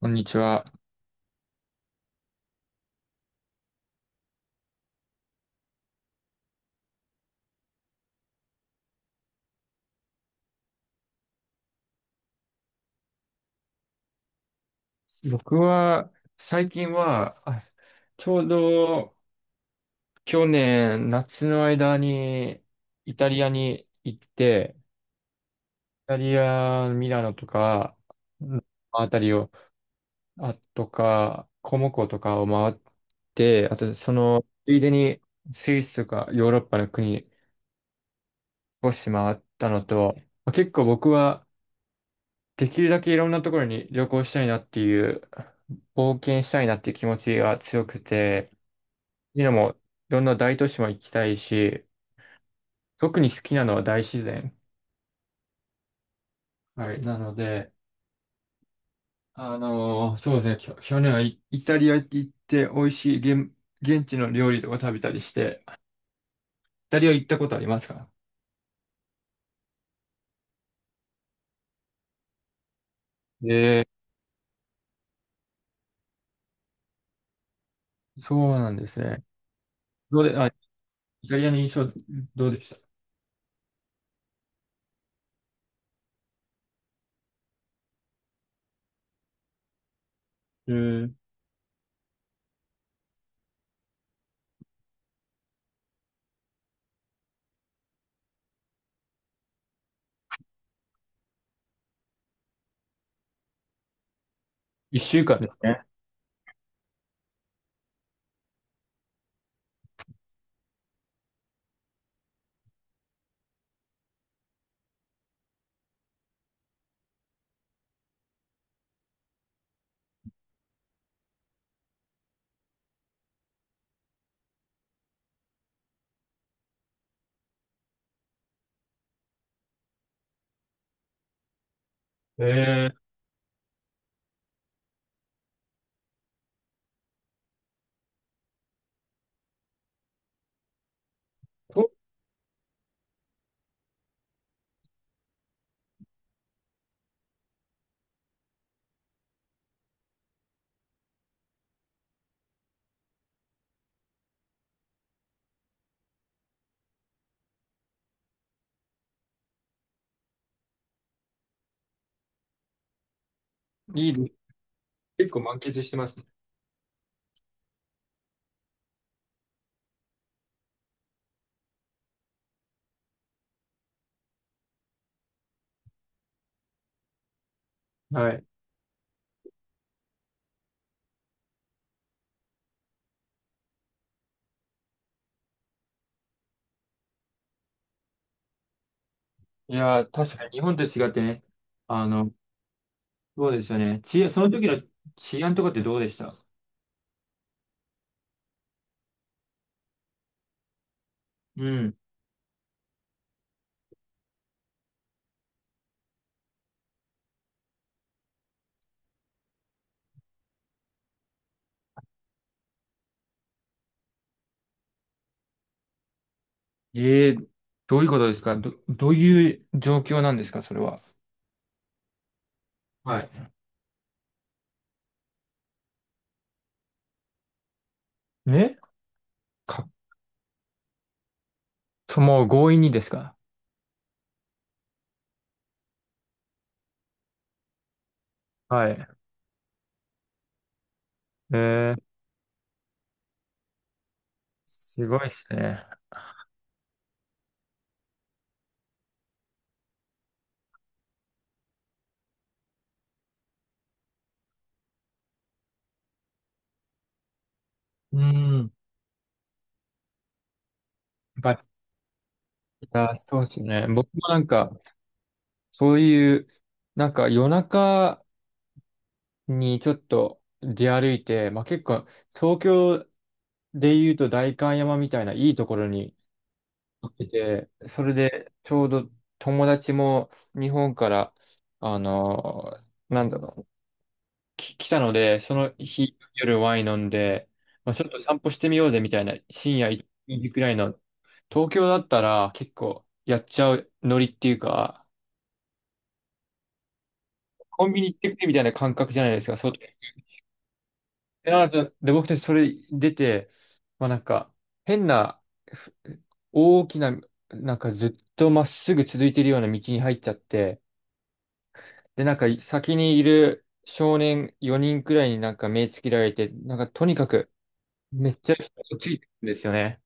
こんにちは。僕は、最近は、ちょうど去年夏の間にイタリアに行って、イタリア、ミラノとか、うんあたりを、あとか、コモコとかを回って、あとその、ついでにスイスとかヨーロッパの国少し回ったのと、まあ結構僕はできるだけいろんなところに旅行したいなっていう、冒険したいなっていう気持ちが強くて、ジナもいろんな大都市も行きたいし、特に好きなのは大自然。はい。なので、そうですね、去年はイタリア行って美味しい現地の料理とか食べたりして、イタリア行ったことありますか？えそうなんですね。どうで、あ、イタリアの印象どうでした？えー、一週間ですね。えー、と、いいです。結構満喫してますね。はい。いやー、確かに日本と違ってね、あの、そうですよね。治安、その時の治安とかってどうでした？うん。ええ、どういうことですか？どういう状況なんですかそれは。はい。ね。か、もう強引にですか？はい。ええ、すごいですね。うん。バチェラー、そうですね。僕もなんか、そういう、なんか夜中にちょっと出歩いて、まあ結構、東京で言うと代官山みたいないいところにってて、それでちょうど友達も日本から、あの、なんだろう、来たので、その日夜ワイン飲んで、まあ、ちょっと散歩してみようぜみたいな、深夜1時くらいの、東京だったら結構やっちゃうノリっていうか、コンビニ行ってくれみたいな感覚じゃないですか。そう。で、なので僕たちそれ出て、まあなんか、変な、ふ大きな、なんかずっとまっすぐ続いてるような道に入っちゃって、で、なんか先にいる少年4人くらいになんか目つけられて、なんかとにかくめっちゃ人がついてるんですよね。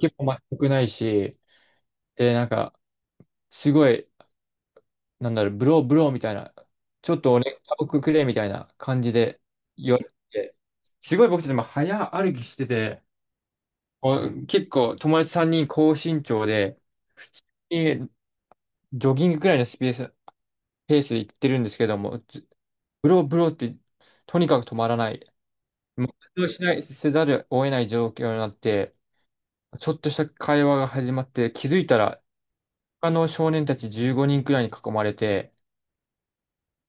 結構全くないし、で、なんかすごい、なんだろう、ブローブローみたいな、ちょっと俺、タバコくれみたいな感じで言われて、すごい僕たちも早歩きしてて、お結構友達3人高身長で、普通にジョギングくらいのスペース、ペースで行ってるんですけども、ずブローブローってとにかく止まらない。もう活動しない、せざるを得ない状況になって、ちょっとした会話が始まって、気づいたら、他の少年たち15人くらいに囲まれて、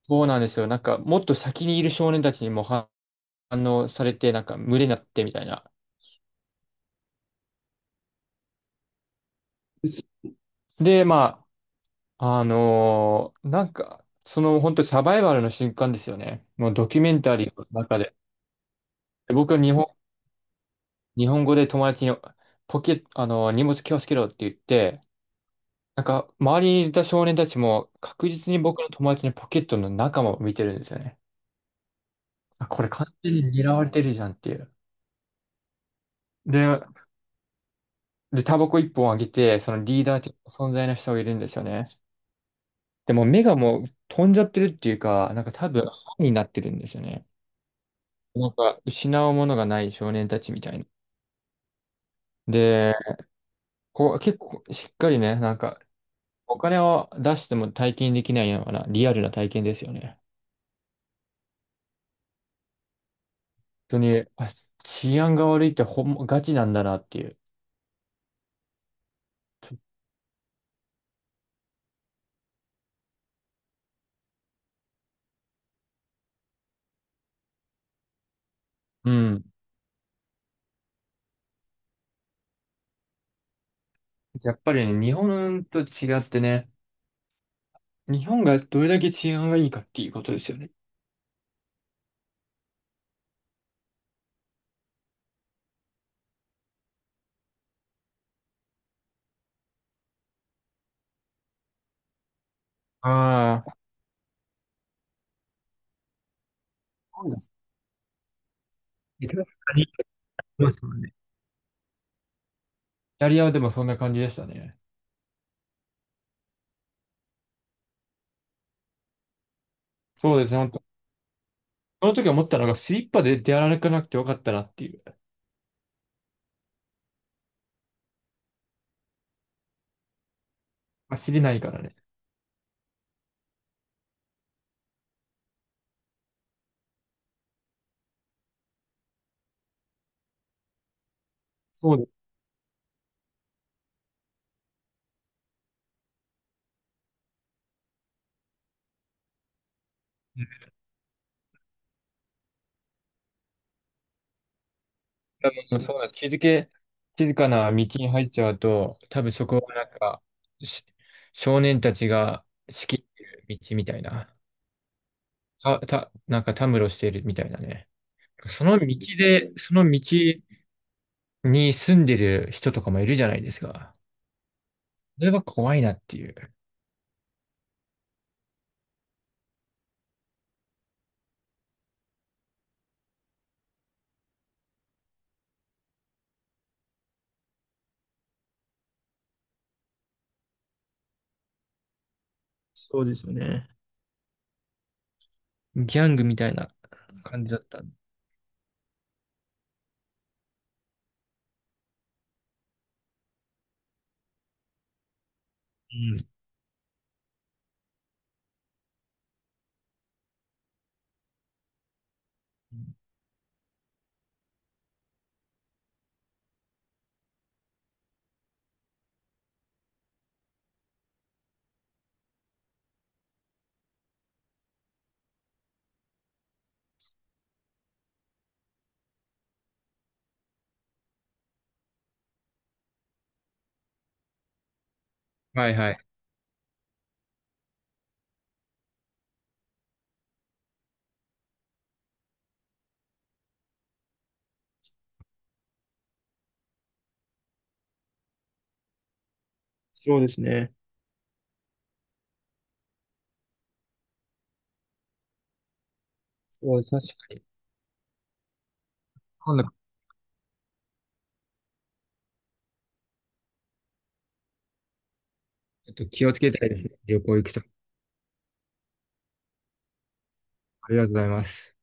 そうなんですよ。なんか、もっと先にいる少年たちにも反応されて、なんか、群れになってみたいな。で、まあ、なんか、その本当サバイバルの瞬間ですよね。もうドキュメンタリーの中で。で僕は日本語で友達にポケ、あのー荷物気をつけろって言って、なんか、周りにいた少年たちも確実に僕の友達のポケットの中も見てるんですよね。あ、これ完全に狙われてるじゃんっていう。で、で、タバコ一本あげて、そのリーダー的な存在の人がいるんですよね。でも目がもう飛んじゃってるっていうか、なんか多分、歯になってるんですよね。なんか、失うものがない少年たちみたいな。で、こう、結構しっかりね、なんか、お金を出しても体験できないようなリアルな体験ですよね。本当に、あ、治安が悪いってガチなんだなっていう。うん。やっぱりね、日本と違ってね、日本がどれだけ治安がいいかっていうことですよね。ああ、イタリアもそうね。イタリアはでもそんな感じでしたね。そうですね、本当。その時思ったのが、スリッパで出歩かなくてよかったなっていう。ま、知りないからね。そうです。多分そうだ、静かな道に入っちゃうと、多分そこはなんか、し少年たちが仕切ってる道みたいな。なんかたむろしてるみたいなね。その道で、その道に住んでる人とかもいるじゃないですか。それは怖いなっていう、そうですよね。ギャングみたいな感じだったんで。うん。はいはい。そうですね。そう、確かに。今度、ちょっと気をつけたいですね。旅行行くと。ありがとうございます。